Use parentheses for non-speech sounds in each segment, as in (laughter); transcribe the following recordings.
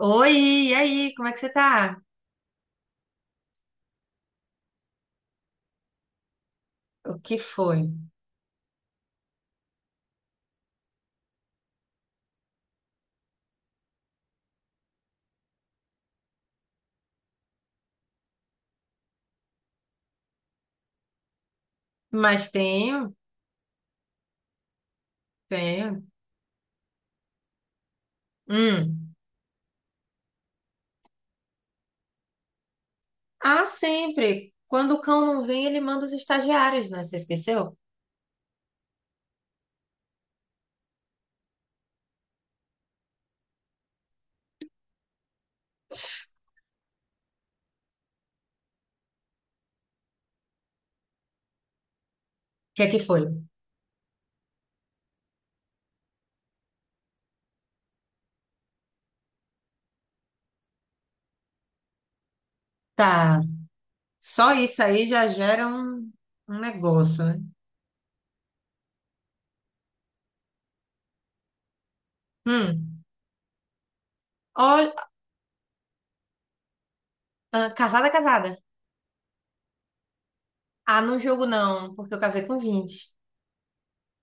Oi, e aí, como é que você tá? O que foi? Mas tenho, tenho. Hum. Ah, sempre. Quando o cão não vem, ele manda os estagiários, né? Você esqueceu? O que é que foi? Tá. Só isso aí já gera um, um negócio, né? Hum. Olha, ah, casada, casada. Ah, não jogo não, porque eu casei com 20.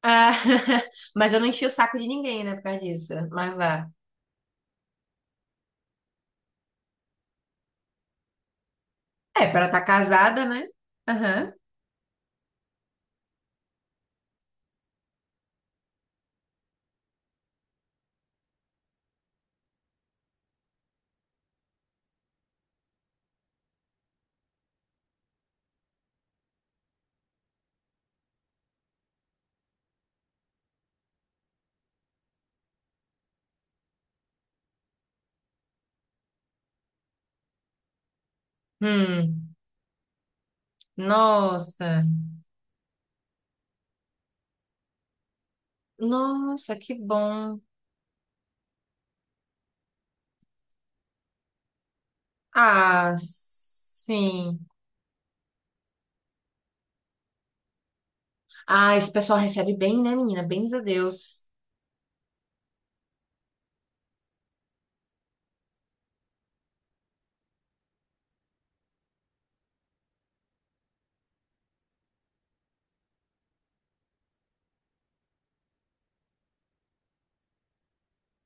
Ah, (laughs) mas eu não enchi o saco de ninguém, né, por causa disso. Mas vá. É, pra estar casada, né? Aham. Hum. Nossa. Nossa, que bom. Ah, sim. Ah, esse pessoal recebe bem, né, menina? Bens a Deus.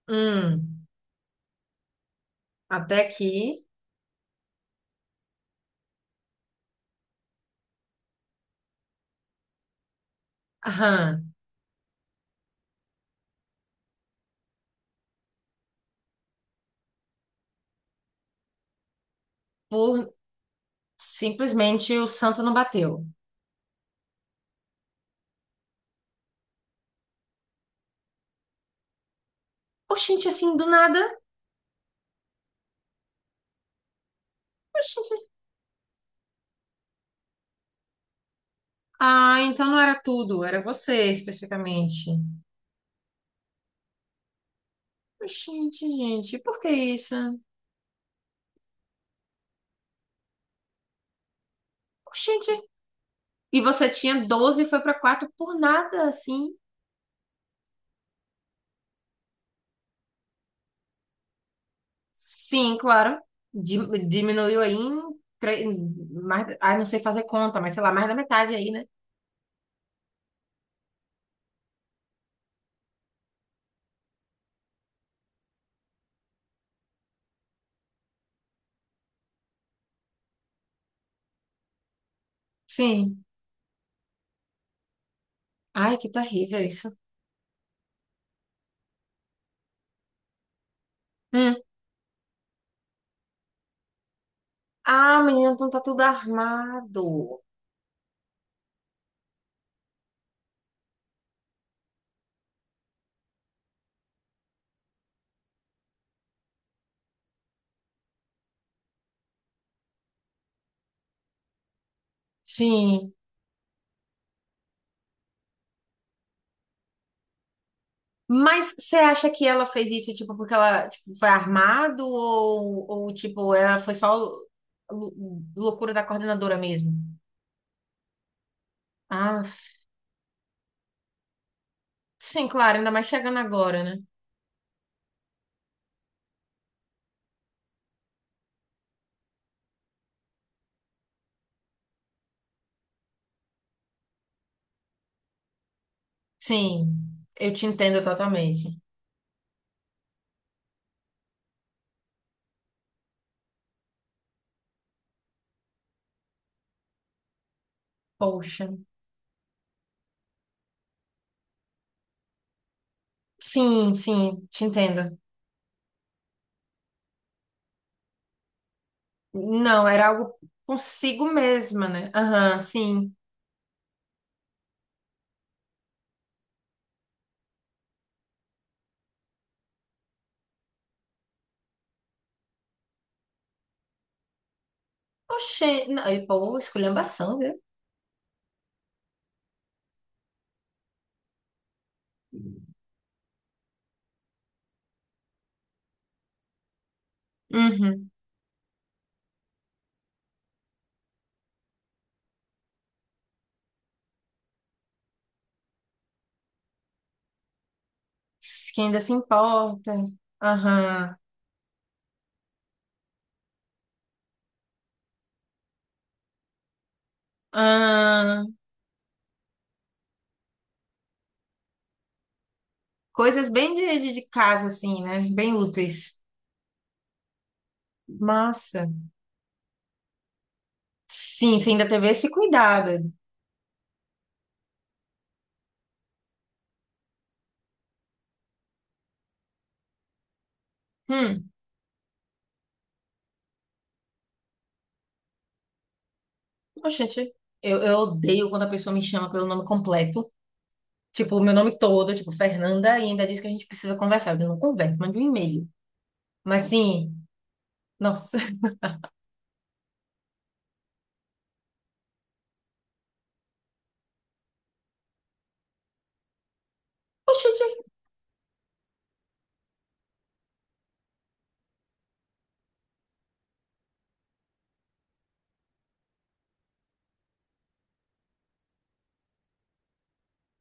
Hum, até aqui. Aham. por Simplesmente o santo não bateu. Oxente, assim, do nada. Oxente. Ah, então não era tudo, era você especificamente. Oxente, gente, por que isso? Oxente. E você tinha 12 e foi pra 4 por nada, assim. Sim, claro. Di- Diminuiu aí em, tre- em mais, ai, não sei fazer conta, mas sei lá, mais da metade aí, né? Sim. Ai, que terrível isso. Hum. Ah, menina, então tá tudo armado. Sim. Mas você acha que ela fez isso, tipo, porque ela, tipo, foi armado ou tipo, ela foi só lou- loucura da coordenadora mesmo? Ah, sim, claro, ainda mais chegando agora, né? Sim, eu te entendo totalmente. Poxa. Sim, sim, te entendo. Não, era algo consigo mesma, né? Aham, sim. Oxê, não, e, pô, esculhambação, viu? Uhum. Quem ainda se importa. Aham. Ah, coisas bem de casa, assim, né? Bem úteis. Massa. Sim, você ainda teve esse cuidado. Hum, oxente, eu odeio quando a pessoa me chama pelo nome completo. Tipo, o meu nome todo, tipo, Fernanda, e ainda diz que a gente precisa conversar. Eu não converso, mando um e-mail. Mas sim. Nossa. (laughs) Oxe, gente.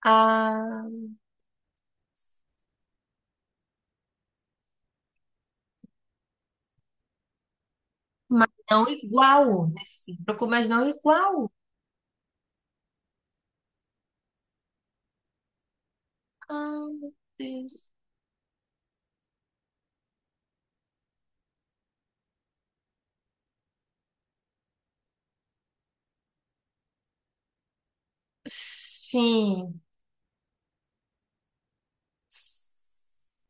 Ah, mas não igual nesse troco, mas não igual. Ah, meu Deus. Sim.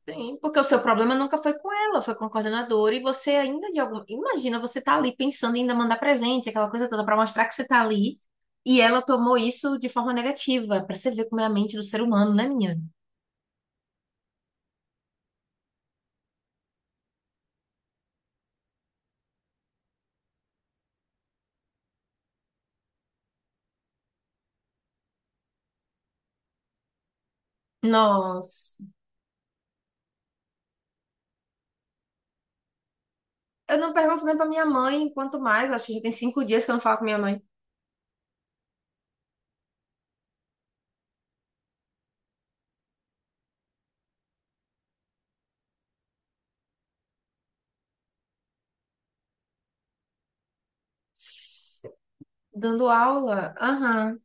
Sim, porque o seu problema nunca foi com ela, foi com a coordenadora, e você ainda de alguma. Imagina, você tá ali pensando em ainda mandar presente, aquela coisa toda, pra mostrar que você tá ali, e ela tomou isso de forma negativa, pra você ver como é a mente do ser humano, né, minha? Nossa. Eu não pergunto nem pra minha mãe, quanto mais, acho que já tem cinco dias que eu não falo com minha mãe. Dando aula? Aham.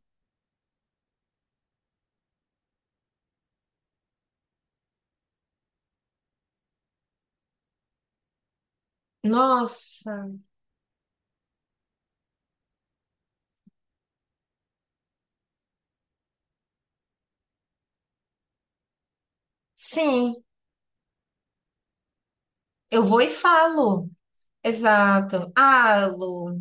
Nossa. Sim, eu vou e falo. Exato. Ah, Lu,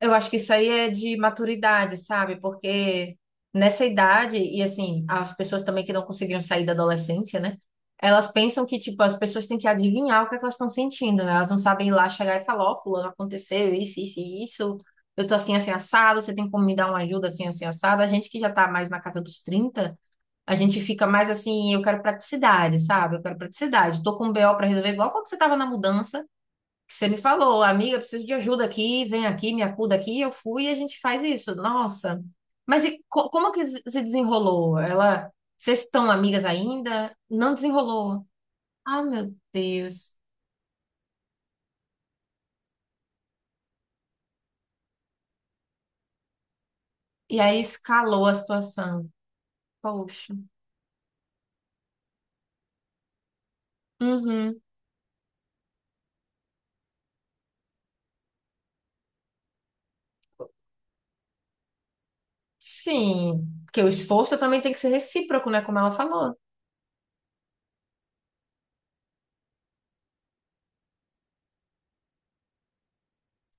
eu acho que isso aí é de maturidade, sabe? Porque nessa idade, e assim, as pessoas também que não conseguiram sair da adolescência, né? Elas pensam que, tipo, as pessoas têm que adivinhar o que é que elas estão sentindo, né? Elas não sabem ir lá chegar e falar, ó, fulano, aconteceu isso, isso e isso. Eu tô assim, assim, assado, você tem como me dar uma ajuda assim, assim, assado? A gente que já tá mais na casa dos trinta, a gente fica mais assim, eu quero praticidade, sabe? Eu quero praticidade. Tô com um BO para resolver, igual quando você tava na mudança, que você me falou, amiga, eu preciso de ajuda aqui, vem aqui, me acuda aqui. Eu fui e a gente faz isso. Nossa. Mas e como que se desenrolou? Ela, vocês estão amigas ainda? Não desenrolou. Ah, meu Deus. E aí escalou a situação. Poxa. Uhum. Sim, porque o esforço também tem que ser recíproco, né? Como ela falou.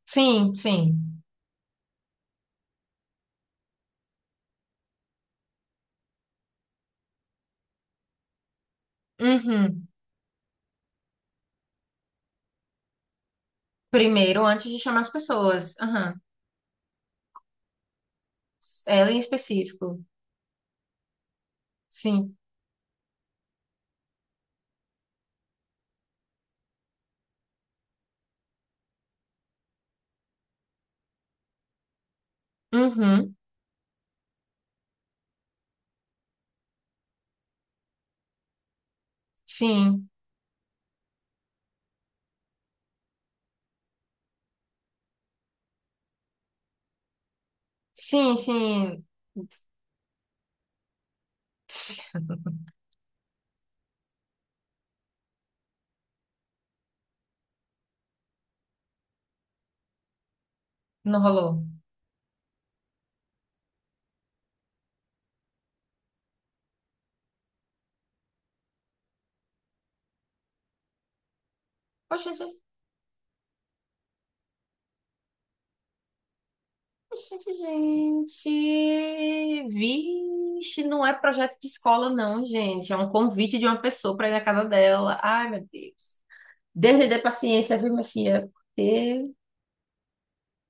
Sim, sim. Uhum. Primeiro, antes de chamar as pessoas. Aham. Ela em específico. Sim. Uhum. Sim. Sim, sim. (tsk) Não rolou. Oxe, gente. Oxe, gente. Vixe, não é projeto de escola, não, gente. É um convite de uma pessoa para ir na casa dela. Ai, meu Deus. Deus lhe dê paciência, viu, minha filha? Porque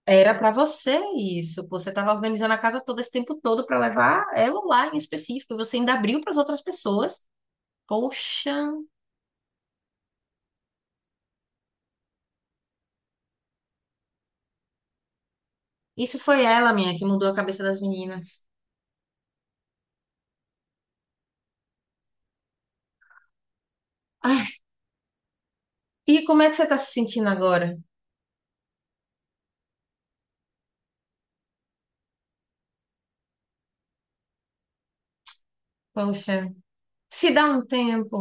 era para você isso. Pô, você estava organizando a casa todo esse tempo todo para levar ela lá em específico. Você ainda abriu para as outras pessoas. Poxa, isso foi ela, minha, que mudou a cabeça das meninas. Ai, e como é que você tá se sentindo agora? Poxa, se dá um tempo.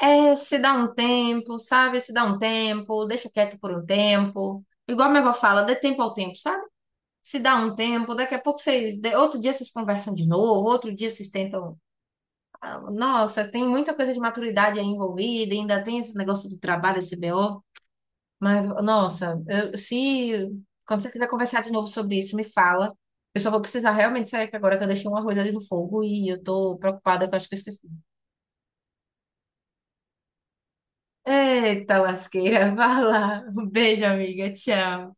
É, se dá um tempo, sabe? Se dá um tempo, deixa quieto por um tempo. Igual minha avó fala, dê tempo ao tempo, sabe? Se dá um tempo, daqui a pouco vocês, outro dia vocês conversam de novo, outro dia vocês tentam. Ah, nossa, tem muita coisa de maturidade aí envolvida, ainda tem esse negócio do trabalho, esse BO. Mas, nossa, se quando você quiser conversar de novo sobre isso, me fala. Eu só vou precisar realmente sair que agora que eu deixei um arroz ali no fogo e eu tô preocupada que eu acho que eu esqueci. Eita, lasqueira, (laughs) vai lá. Um beijo, amiga. Tchau.